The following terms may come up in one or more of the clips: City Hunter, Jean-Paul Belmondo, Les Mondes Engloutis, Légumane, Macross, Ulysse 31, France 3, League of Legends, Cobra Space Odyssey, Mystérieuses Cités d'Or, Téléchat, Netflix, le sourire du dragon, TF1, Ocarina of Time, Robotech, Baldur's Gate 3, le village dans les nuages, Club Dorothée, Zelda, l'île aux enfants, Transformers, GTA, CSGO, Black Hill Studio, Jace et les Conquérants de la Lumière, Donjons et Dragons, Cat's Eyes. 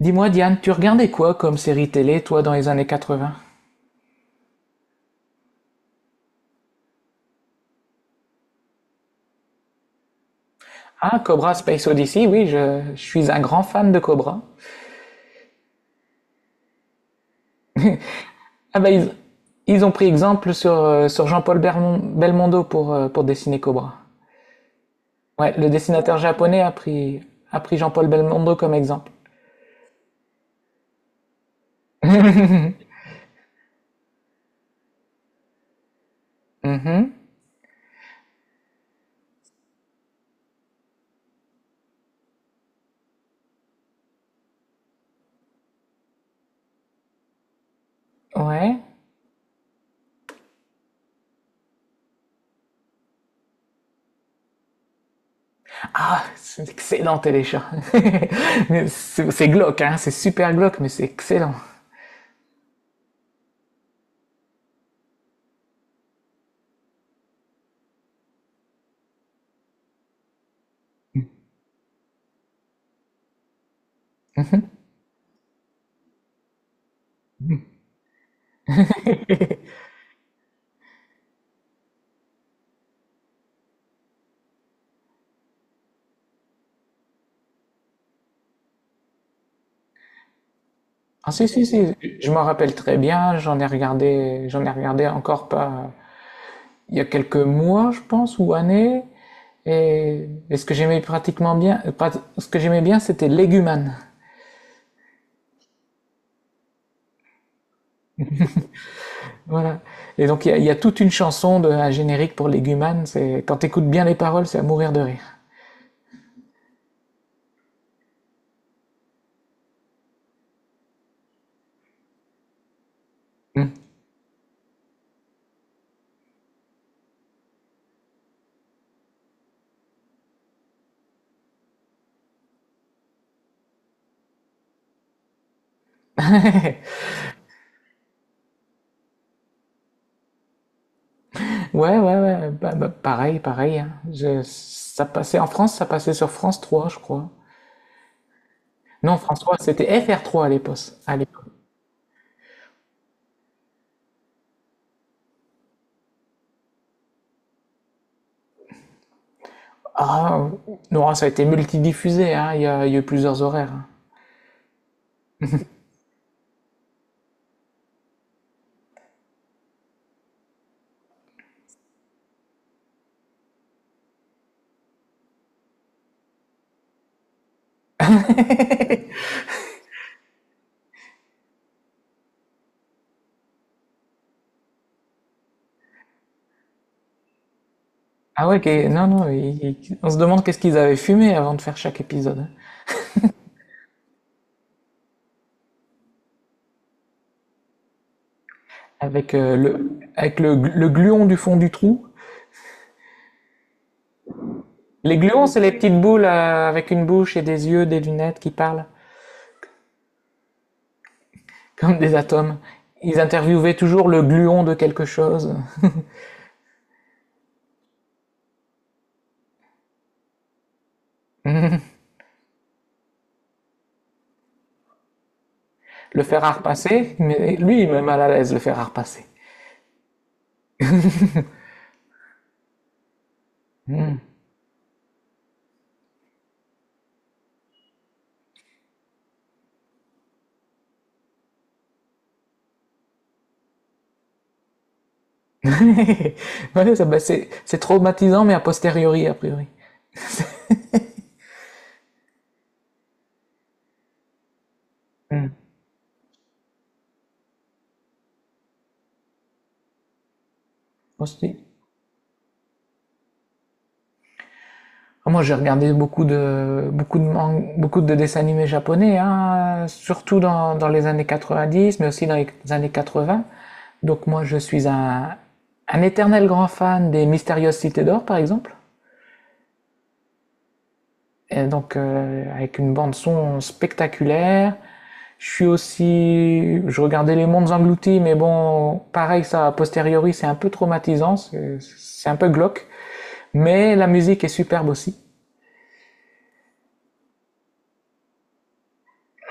Dis-moi, Diane, tu regardais quoi comme série télé, toi, dans les années 80? Ah, Cobra Space Odyssey, oui, je suis un grand fan de Cobra. Ah bah, ils ont pris exemple sur Jean-Paul Belmondo pour dessiner Cobra. Ouais, le dessinateur japonais a pris Jean-Paul Belmondo comme exemple. Mhm, ouais. Ah, c'est excellent, Téléchat. Mais c'est glauque, hein, c'est super glauque, mais c'est excellent. Ah, si, si, si, je m'en rappelle très bien, j'en ai regardé encore pas, il y a quelques mois, je pense, ou années. Et ce que j'aimais pratiquement bien, ce que j'aimais bien, c'était Légumane. Voilà. Et donc, y a toute une chanson de un générique pour Légumane. C'est quand t'écoutes bien les paroles, c'est à mourir de rire. Ouais, ouais, ouais. Bah, bah, pareil, pareil, hein. Ça passait en France, ça passait sur France 3, je crois. Non, France 3, c'était FR3 à l'époque. À l'époque. Ah, non, ça a été multidiffusé, hein. Il y a eu plusieurs horaires, hein. Ah ouais, ok. Non, non, on se demande qu'est-ce qu'ils avaient fumé avant de faire chaque épisode, hein. Avec le gluon du fond du trou. Les gluons, c'est les petites boules avec une bouche et des yeux, des lunettes qui parlent, comme des atomes. Ils interviewaient toujours le gluon de quelque chose. Le fer à repasser, mais lui, il met mal à l'aise, le fer à repasser. Ouais, ça, bah, c'est traumatisant, mais a posteriori, a priori. Hmm. Aussi. Ah, moi, j'ai regardé beaucoup de dessins animés japonais, hein, surtout dans les années 90, mais aussi dans les années 80. Donc moi, je suis un éternel grand fan des Mystérieuses Cités d'Or, par exemple. Et donc, avec une bande son spectaculaire. Je suis aussi, je regardais Les Mondes Engloutis, mais bon, pareil, ça, a posteriori, c'est un peu traumatisant, c'est un peu glauque. Mais la musique est superbe aussi.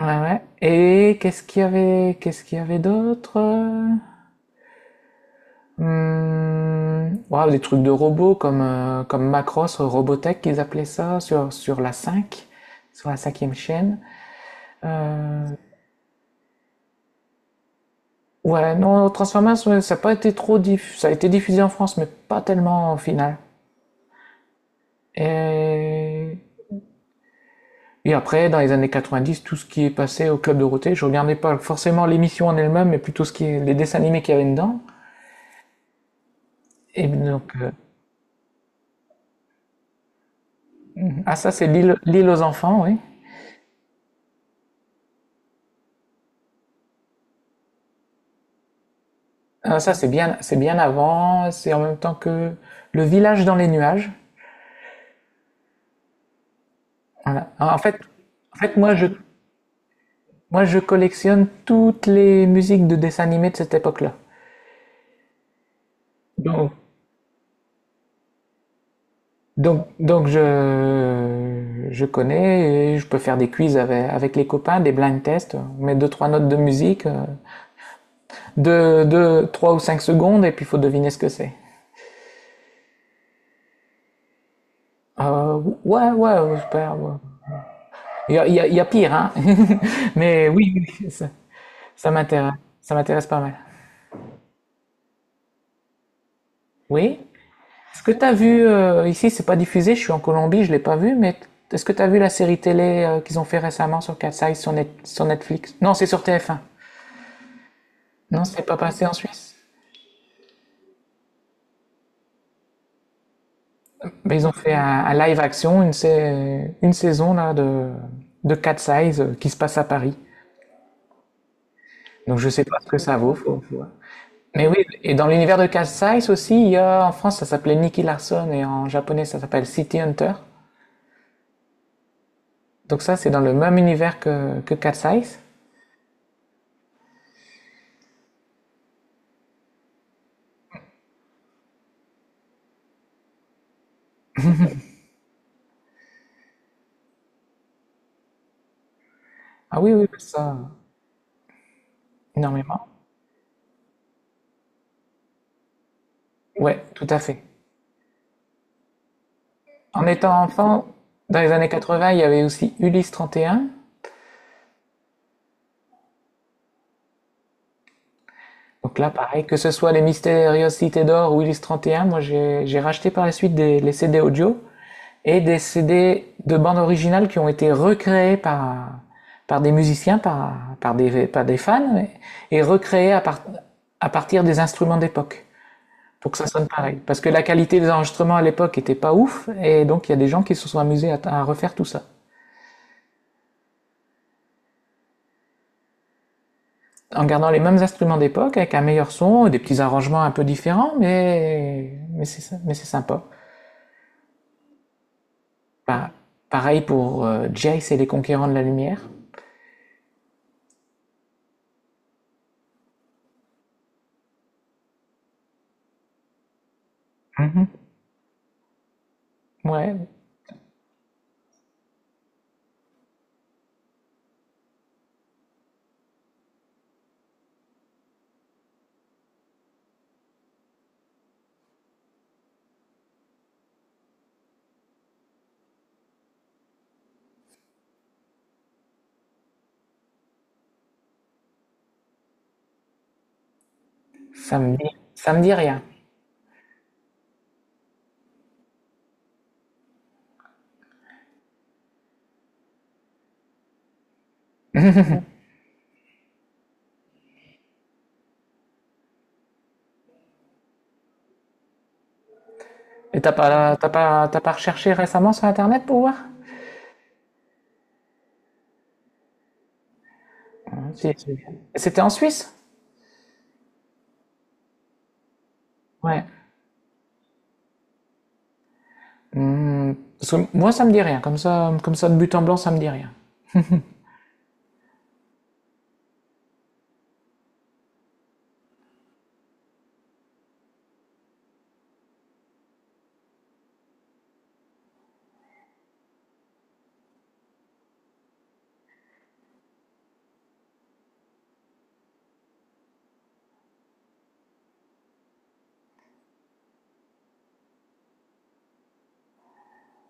Ouais, ouais. Et qu'est-ce qu'il y avait, qu'est-ce qu'il y avait d'autre? Ouais, des trucs de robots comme Macross, Robotech, qu'ils appelaient ça, sur la 5, sur la cinquième chaîne. Euh, ouais, non, Transformers, ouais, ça a pas été ça a été diffusé en France, mais pas tellement au final. Et... et après, dans les années 90, tout ce qui est passé au Club Dorothée, je regardais pas forcément l'émission en elle-même, mais plutôt ce qui est... les dessins animés qu'il y avait dedans. Et donc, mhm. Ah, ça, c'est l'île aux enfants, oui. Ah, ça, c'est bien avant. C'est en même temps que le village dans les nuages. Voilà. Ah, en fait, en fait, moi, je collectionne toutes les musiques de dessins animés de cette époque-là. Donc, donc je connais et je peux faire des quiz avec les copains, des blind tests. On met deux, trois notes de musique, de trois ou cinq secondes et puis il faut deviner ce que c'est. Ouais, ouais, ouais, super, ouais. Il y a pire, hein. Mais oui, oui, oui, ça m'intéresse. Ça m'intéresse pas mal. Oui. Est-ce que tu as vu, ici, c'est pas diffusé, je suis en Colombie, je l'ai pas vu, mais est-ce que tu as vu la série télé qu'ils ont fait récemment sur Cat's Eyes, sur Netflix? Non, c'est sur TF1. Non, c'est pas passé en Suisse. Mais ils ont fait un live action, une saison là, de Cat's Eyes qui se passe à Paris. Donc je sais pas ce que ça vaut, faut voir. Mais oui, et dans l'univers de Cast Size aussi, il y a, en France, ça s'appelait Nicky Larson et en japonais, ça s'appelle City Hunter. Donc ça, c'est dans le même univers que Cat Size. Ah oui, oui, ça, énormément. Ouais, tout à fait. En étant enfant, dans les années 80, il y avait aussi Ulysse 31. Donc là, pareil, que ce soit les Mystérieuses Cités d'Or ou Ulysse 31, moi, j'ai racheté par la suite des, les CD audio, et des CD de bandes originales qui ont été recréés par des musiciens, par des fans, et recréés à partir des instruments d'époque, pour que ça sonne pareil. Parce que la qualité des enregistrements à l'époque était pas ouf, et donc il y a des gens qui se sont amusés à refaire tout ça. En gardant les mêmes instruments d'époque, avec un meilleur son, des petits arrangements un peu différents, mais c'est sympa. Bah, pareil pour Jace et les Conquérants de la Lumière. Mm -hmm. Ouais, ça me dit rien. Et t'as pas recherché récemment sur Internet pour voir. Si, si. C'était en Suisse. Ouais. Hmm, parce que moi, ça me dit rien. Comme ça, de but en blanc, ça me dit rien.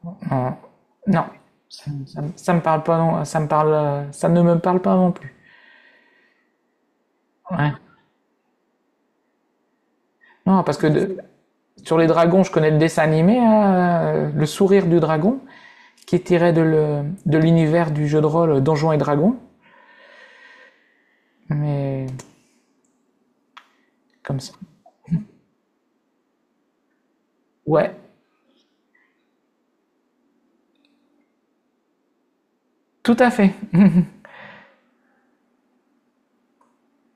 Non. Non. Ça me parle pas non. Ça me parle, ça ne me parle pas non plus. Ouais. Non, parce que sur les dragons, je connais le dessin animé, hein, le sourire du dragon, qui est tiré de de l'univers du jeu de rôle Donjons et Dragons. Mais comme ça. Ouais. Tout à fait.